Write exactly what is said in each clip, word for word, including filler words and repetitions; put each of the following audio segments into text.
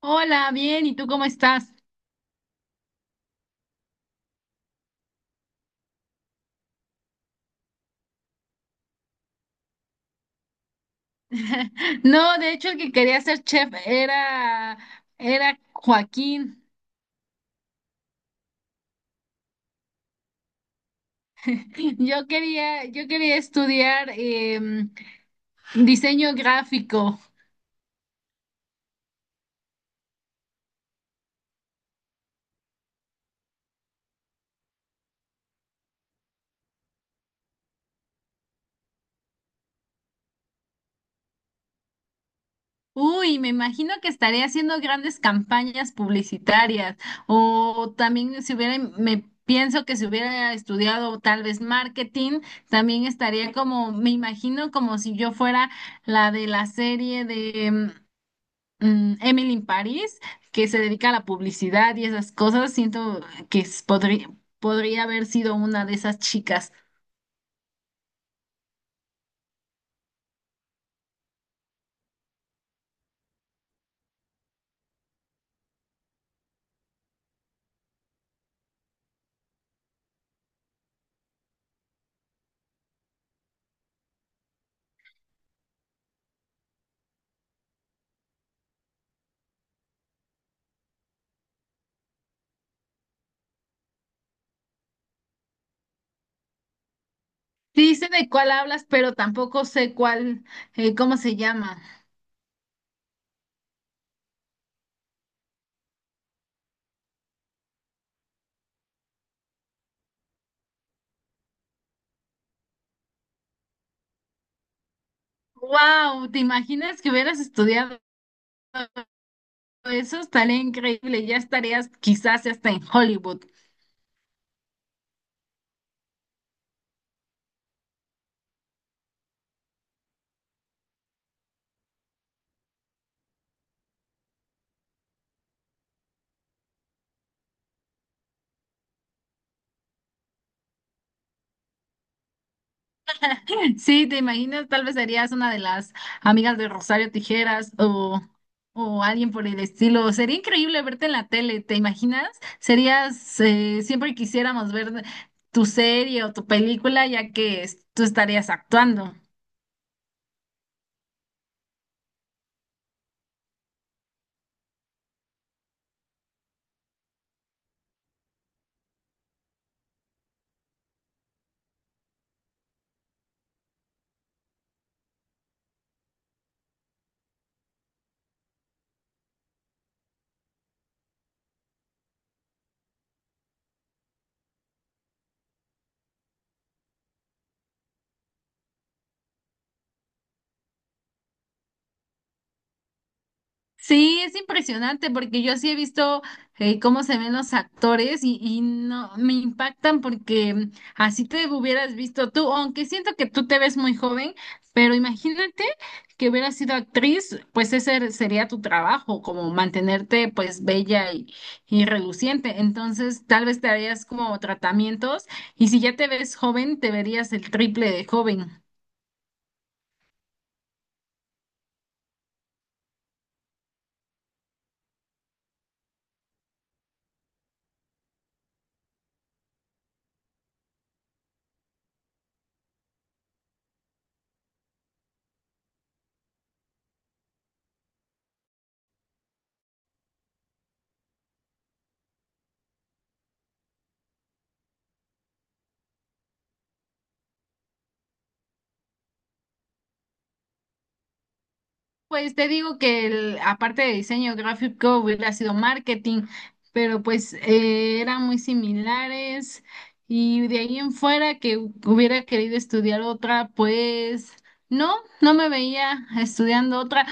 Hola, bien, ¿y tú cómo estás? No, de hecho el que quería ser chef era, era Joaquín. Yo quería, yo quería estudiar em, diseño gráfico. Uy, me imagino que estaría haciendo grandes campañas publicitarias o también si hubiera, me pienso que si hubiera estudiado tal vez marketing, también estaría como, me imagino como si yo fuera la de la serie de... em, mm, Emily in Paris, que se dedica a la publicidad y esas cosas, siento que es- podría, podría haber sido una de esas chicas. Sí sé de cuál hablas, pero tampoco sé cuál, eh, cómo se llama. Wow, ¿te imaginas que hubieras estudiado eso? Estaría increíble, ya estarías quizás hasta en Hollywood. Sí, te imaginas, tal vez serías una de las amigas de Rosario Tijeras o, o alguien por el estilo. Sería increíble verte en la tele, ¿te imaginas? Serías, eh, siempre quisiéramos ver tu serie o tu película ya que es- tú estarías actuando. Sí, es impresionante porque yo sí he visto eh, cómo se ven los actores y, y no me impactan porque así te hubieras visto tú, aunque siento que tú te ves muy joven, pero imagínate que hubieras sido actriz, pues ese er, sería tu trabajo, como mantenerte pues bella y, y reluciente. Entonces tal vez te harías como tratamientos y si ya te ves joven, te verías el triple de joven. Pues te digo que el- aparte de diseño gráfico hubiera sido marketing, pero pues eh, eran muy similares y de ahí en fuera que hubiera querido estudiar otra, pues no, no me veía estudiando otra,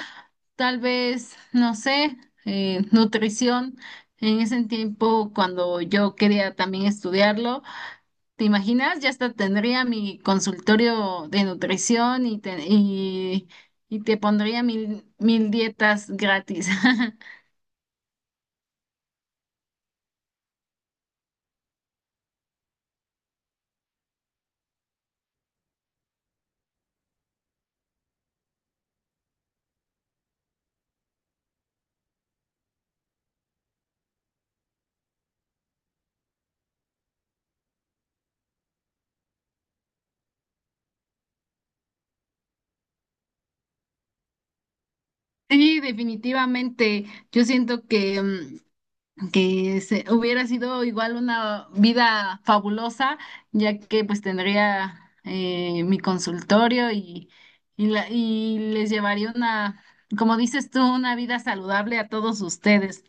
tal vez, no sé, eh, nutrición en ese tiempo cuando yo quería también estudiarlo. ¿Te imaginas? Ya hasta tendría mi consultorio de nutrición y te, y, y te pondría mil, mil dietas gratis. Sí, definitivamente. Yo siento que, mm, que se, hubiera sido igual una vida fabulosa, ya que pues tendría eh, mi consultorio y, y, la- y les llevaría una, como dices tú, una vida saludable a todos ustedes.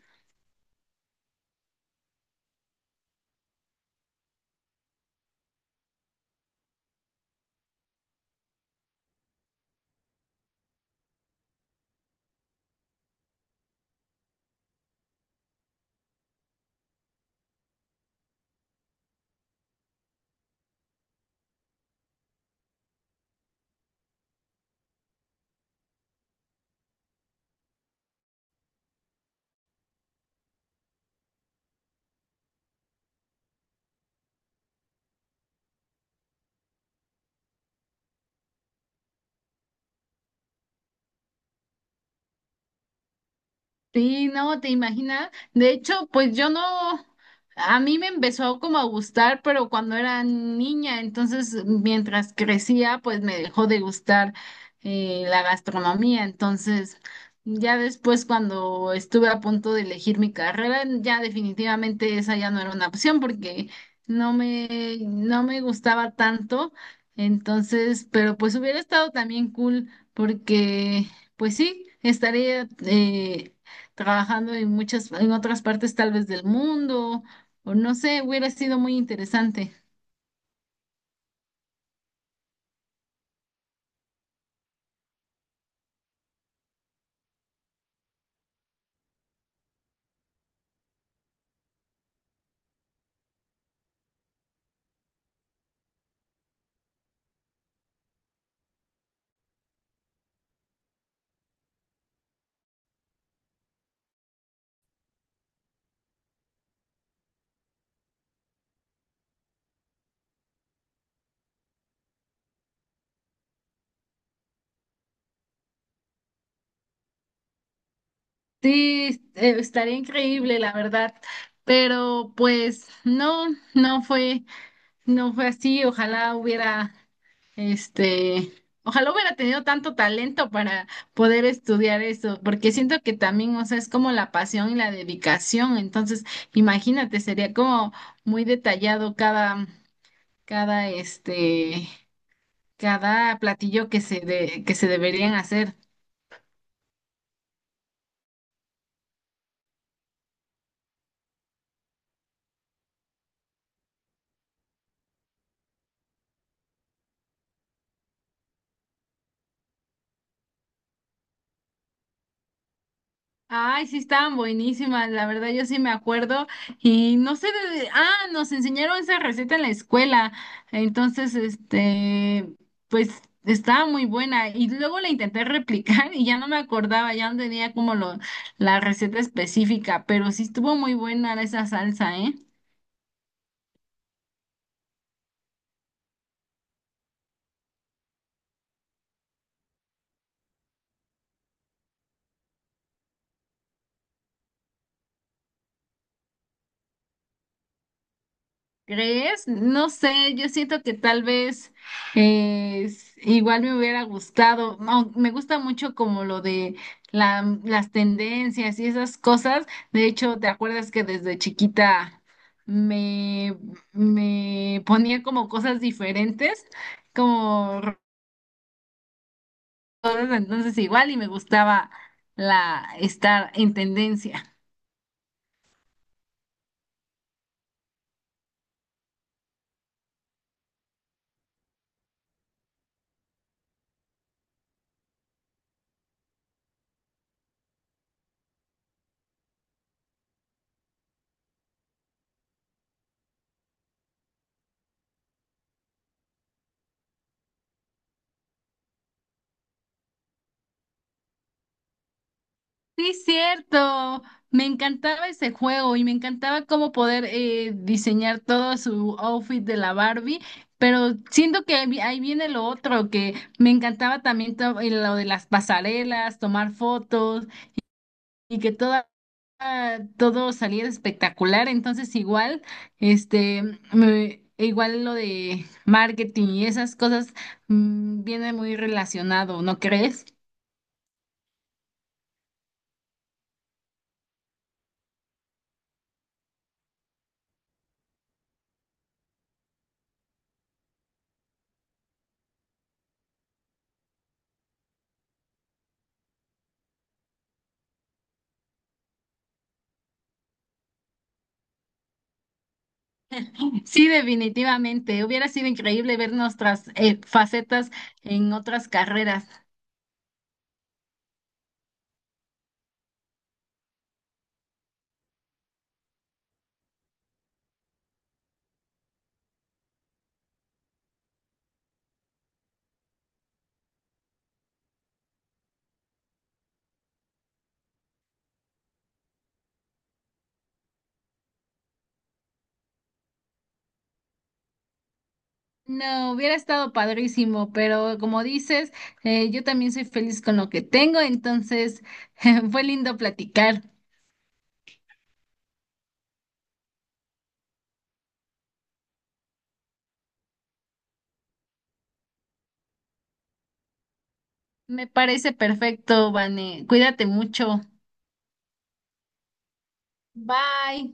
Sí, no, te imaginas. De hecho, pues yo no, a mí me empezó como a gustar, pero cuando era niña, entonces mientras crecía, pues me dejó de gustar eh, la gastronomía. Entonces, ya después cuando estuve a punto de elegir mi carrera, ya definitivamente esa ya no era una opción porque no me, no me gustaba tanto. Entonces, pero pues hubiera estado también cool porque, pues sí, estaría... eh, trabajando en muchas, en otras partes tal vez del mundo, o no sé, hubiera sido muy interesante. Sí, eh, estaría increíble, la verdad. Pero pues no, no fue, no fue así. Ojalá hubiera, este, ojalá hubiera tenido tanto talento para poder estudiar eso, porque siento que también, o sea, es como la pasión y la dedicación. Entonces, imagínate, sería como muy detallado cada, cada, este, cada platillo que se de, que se deberían hacer. Ay, sí, estaban buenísimas, la verdad yo sí me acuerdo y no sé de... Ah, nos enseñaron esa receta en la escuela, entonces, este, pues estaba muy buena y luego la intenté replicar y ya no me acordaba, ya no tenía como lo, la receta específica, pero sí estuvo muy buena esa salsa, ¿eh? ¿Crees? No sé, yo siento que tal vez eh, s- igual me hubiera gustado, no, me gusta mucho como lo de la- las tendencias y esas cosas. De hecho, ¿te acuerdas que desde chiquita me, me ponía como cosas diferentes, como cosas entonces igual y me gustaba la estar en tendencia? Sí, cierto. Me encantaba ese juego y me encantaba cómo poder eh, diseñar todo su outfit de la Barbie, pero siento que ahí vi- ahí viene lo otro, que me encantaba también to- eh, lo de las pasarelas, tomar fotos y que toda, ah, todo saliera espectacular. Entonces igual, este, me- igual lo de marketing y esas cosas mm, viene muy relacionado, ¿no crees? Sí, definitivamente. Hubiera sido increíble ver nuestras eh, facetas en otras carreras. No, hubiera estado padrísimo, pero como dices, eh, yo también soy feliz con lo que tengo, entonces fue lindo platicar. Me parece perfecto, Vane. Cuídate mucho. Bye.